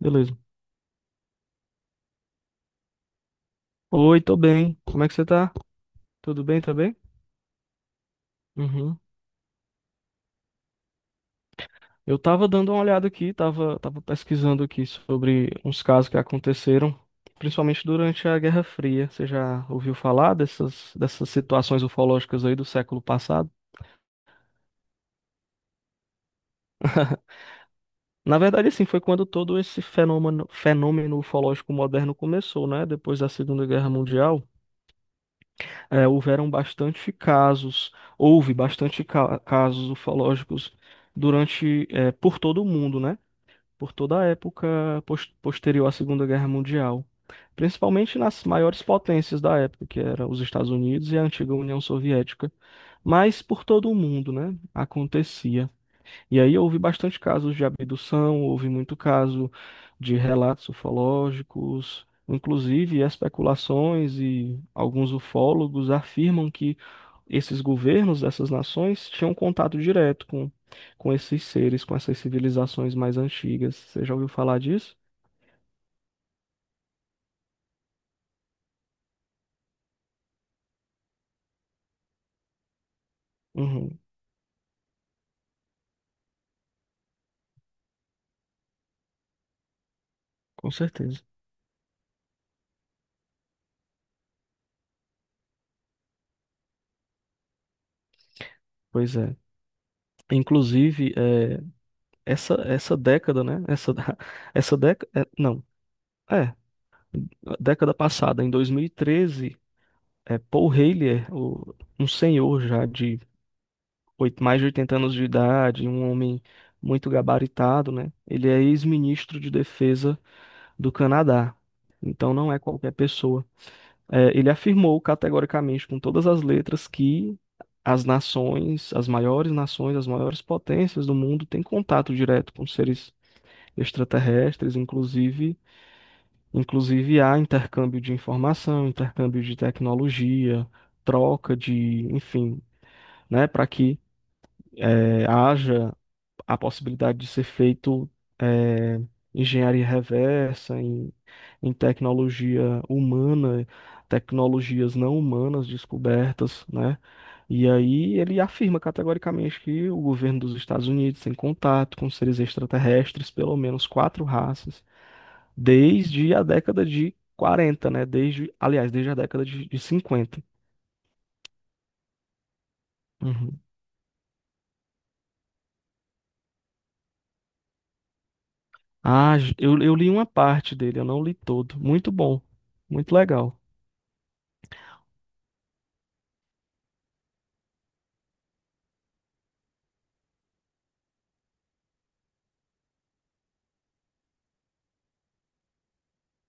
Beleza. Oi, tô bem. Como é que você tá? Tudo bem também? Uhum. Eu tava dando uma olhada aqui, tava pesquisando aqui sobre uns casos que aconteceram, principalmente durante a Guerra Fria. Você já ouviu falar dessas situações ufológicas aí do século passado? Na verdade, assim, foi quando todo esse fenômeno ufológico moderno começou, né? Depois da Segunda Guerra Mundial, houveram bastante casos, houve bastante casos ufológicos durante, por todo o mundo, né? Por toda a época posterior à Segunda Guerra Mundial, principalmente nas maiores potências da época, que eram os Estados Unidos e a antiga União Soviética, mas por todo o mundo, né? Acontecia. E aí houve bastante casos de abdução, houve muito caso de relatos ufológicos, inclusive especulações, e alguns ufólogos afirmam que esses governos dessas nações tinham contato direto com esses seres, com essas civilizações mais antigas. Você já ouviu falar disso? Uhum, com certeza. Pois é. Inclusive, é, essa década, né? Essa, essa década. Não, é. A década passada, em 2013, é, Paul Heyler, um senhor já de mais de 80 anos de idade, um homem muito gabaritado, né? Ele é ex-ministro de defesa do Canadá. Então não é qualquer pessoa. É, ele afirmou categoricamente, com todas as letras, que as nações, as maiores potências do mundo têm contato direto com seres extraterrestres, inclusive, inclusive há intercâmbio de informação, intercâmbio de tecnologia, troca de, enfim, né, para que haja a possibilidade de ser feito, eh, engenharia reversa, em tecnologia humana, tecnologias não humanas descobertas, né? E aí ele afirma categoricamente que o governo dos Estados Unidos tem contato com seres extraterrestres, pelo menos quatro raças, desde a década de 40, né? Desde, aliás, desde a década de 50. Uhum. Ah, eu li uma parte dele, eu não li todo. Muito bom, muito legal.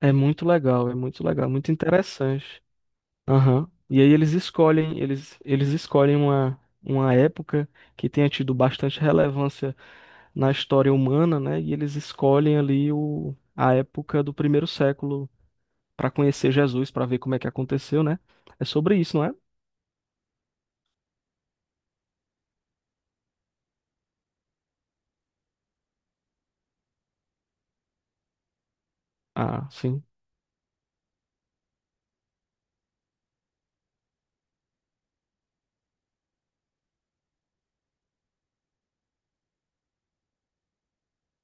É muito legal, é muito legal, muito interessante. Aham. E aí eles escolhem, eles escolhem uma época que tenha tido bastante relevância na história humana, né? E eles escolhem ali o, a época do primeiro século para conhecer Jesus, para ver como é que aconteceu, né? É sobre isso, não é? Ah, sim.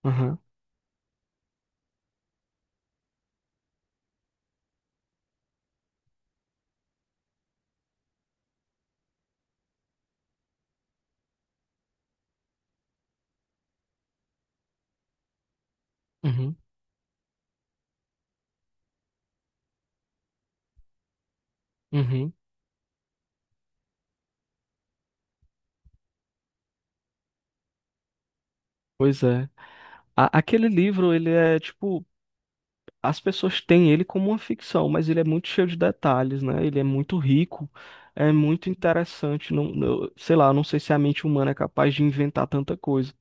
Aham. Uhum. Uhum. Pois é. Aquele livro, ele é tipo... As pessoas têm ele como uma ficção, mas ele é muito cheio de detalhes, né? Ele é muito rico, é muito interessante. Não, sei lá, não sei se a mente humana é capaz de inventar tanta coisa.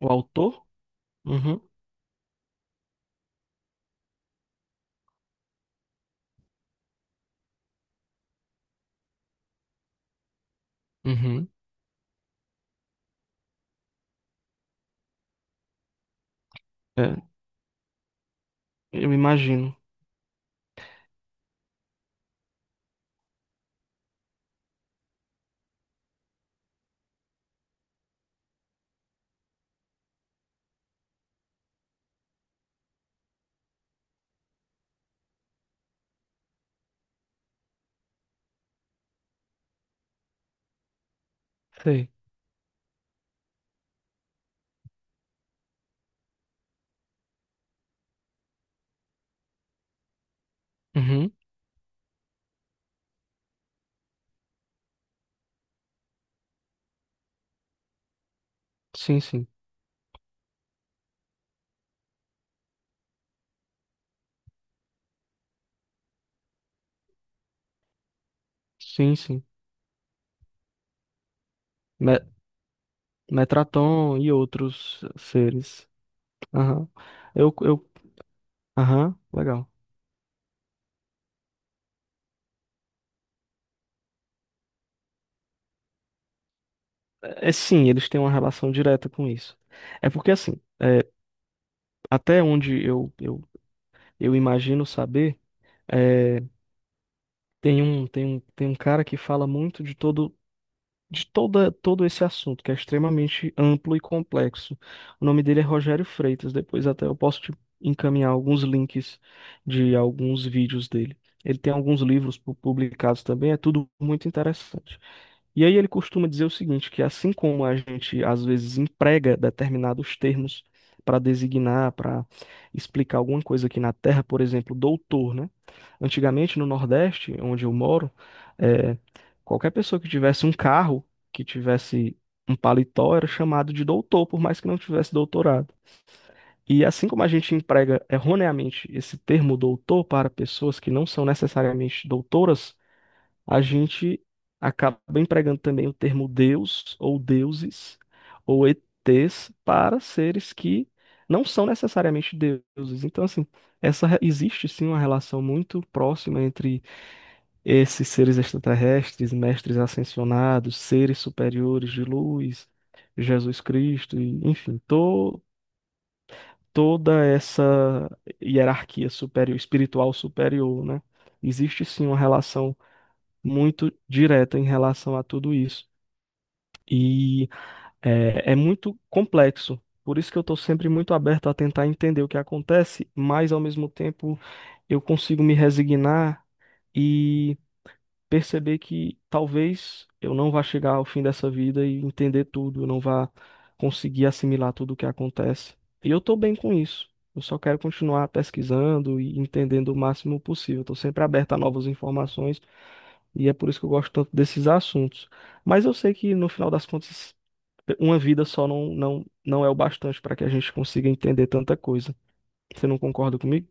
O autor? Uhum, uhum. É, eu imagino. Sei. Uhum. Sim, sim. Sim, sim. Me- Metraton e outros seres. Aham. Eu, eu, aham, legal. É, é sim, eles têm uma relação direta com isso. É porque assim, é, até onde eu imagino saber. É, tem um cara que fala muito de toda, todo esse assunto, que é extremamente amplo e complexo. O nome dele é Rogério Freitas. Depois até eu posso te encaminhar alguns links de alguns vídeos dele. Ele tem alguns livros publicados também, é tudo muito interessante. E aí ele costuma dizer o seguinte, que assim como a gente às vezes emprega determinados termos para designar, para explicar alguma coisa aqui na Terra, por exemplo, doutor, né? Antigamente no Nordeste, onde eu moro, eh, qualquer pessoa que tivesse um carro, que tivesse um paletó, era chamado de doutor, por mais que não tivesse doutorado. E assim como a gente emprega erroneamente esse termo doutor para pessoas que não são necessariamente doutoras, a gente acaba empregando também o termo Deus ou deuses ou ETs para seres que não são necessariamente deuses. Então, assim, essa existe sim uma relação muito próxima entre esses seres extraterrestres, mestres ascensionados, seres superiores de luz, Jesus Cristo, e, enfim, toda essa hierarquia superior, espiritual superior, né? Existe sim uma relação muito direta em relação a tudo isso. E é muito complexo. Por isso que eu estou sempre muito aberto a tentar entender o que acontece, mas ao mesmo tempo eu consigo me resignar e perceber que talvez eu não vá chegar ao fim dessa vida e entender tudo, eu não vá conseguir assimilar tudo o que acontece. E eu estou bem com isso. Eu só quero continuar pesquisando e entendendo o máximo possível. Estou sempre aberto a novas informações, e é por isso que eu gosto tanto desses assuntos. Mas eu sei que no final das contas, uma vida só não, não, não é o bastante para que a gente consiga entender tanta coisa. Você não concorda comigo?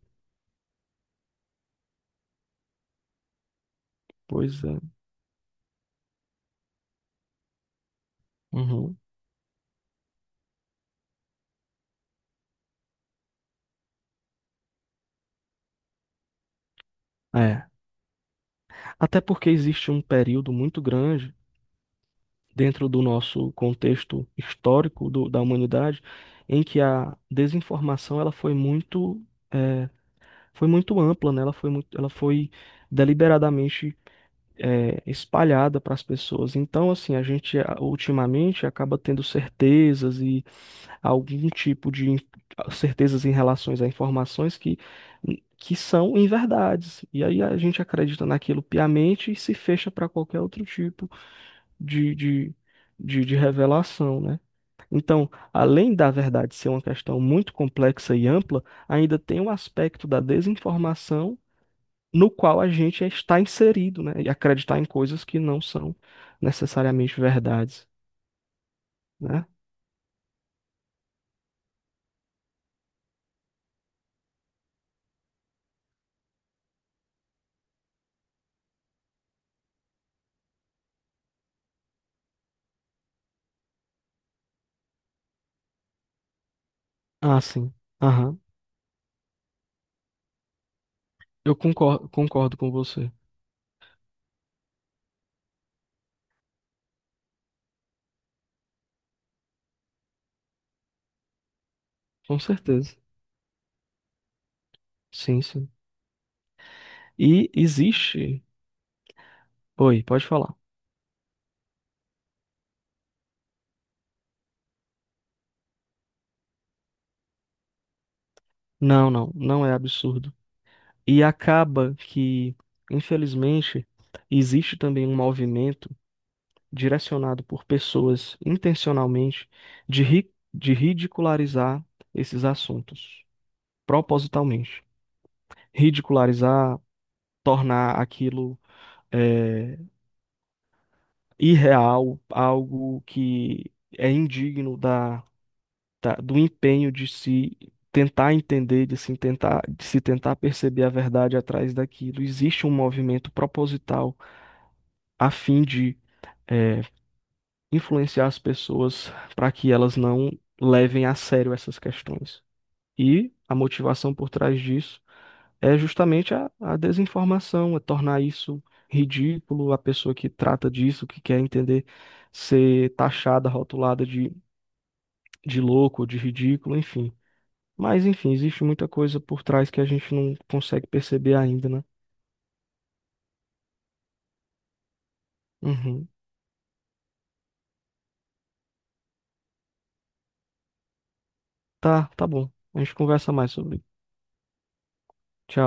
Pois é. Uhum. É. Até porque existe um período muito grande dentro do nosso contexto histórico da humanidade em que a desinformação, ela foi muito, é, foi muito ampla, né? Ela foi muito, ela foi deliberadamente, é, espalhada para as pessoas. Então, assim, a gente ultimamente acaba tendo certezas e algum tipo de certezas em relação a informações que são inverdades. E aí a gente acredita naquilo piamente e se fecha para qualquer outro tipo de, de, de revelação, né? Então, além da verdade ser uma questão muito complexa e ampla, ainda tem o aspecto da desinformação no qual a gente está inserido, né? E acreditar em coisas que não são necessariamente verdades, né? Ah, sim. Aham. Eu concordo, concordo com você. Com certeza. Sim, sim. E existe. Oi, pode falar. Não, não, não é absurdo. E acaba que, infelizmente, existe também um movimento direcionado por pessoas intencionalmente de, ri... de ridicularizar esses assuntos, propositalmente. Ridicularizar, tornar aquilo, é, irreal, algo que é indigno da, do empenho de se tentar entender, de se tentar perceber a verdade atrás daquilo. Existe um movimento proposital a fim de, é, influenciar as pessoas para que elas não levem a sério essas questões. E a motivação por trás disso é justamente a desinformação, é tornar isso ridículo, a pessoa que trata disso, que quer entender, ser taxada, rotulada de louco, de ridículo, enfim. Mas, enfim, existe muita coisa por trás que a gente não consegue perceber ainda, né? Uhum. Tá, tá bom. A gente conversa mais sobre. Tchau.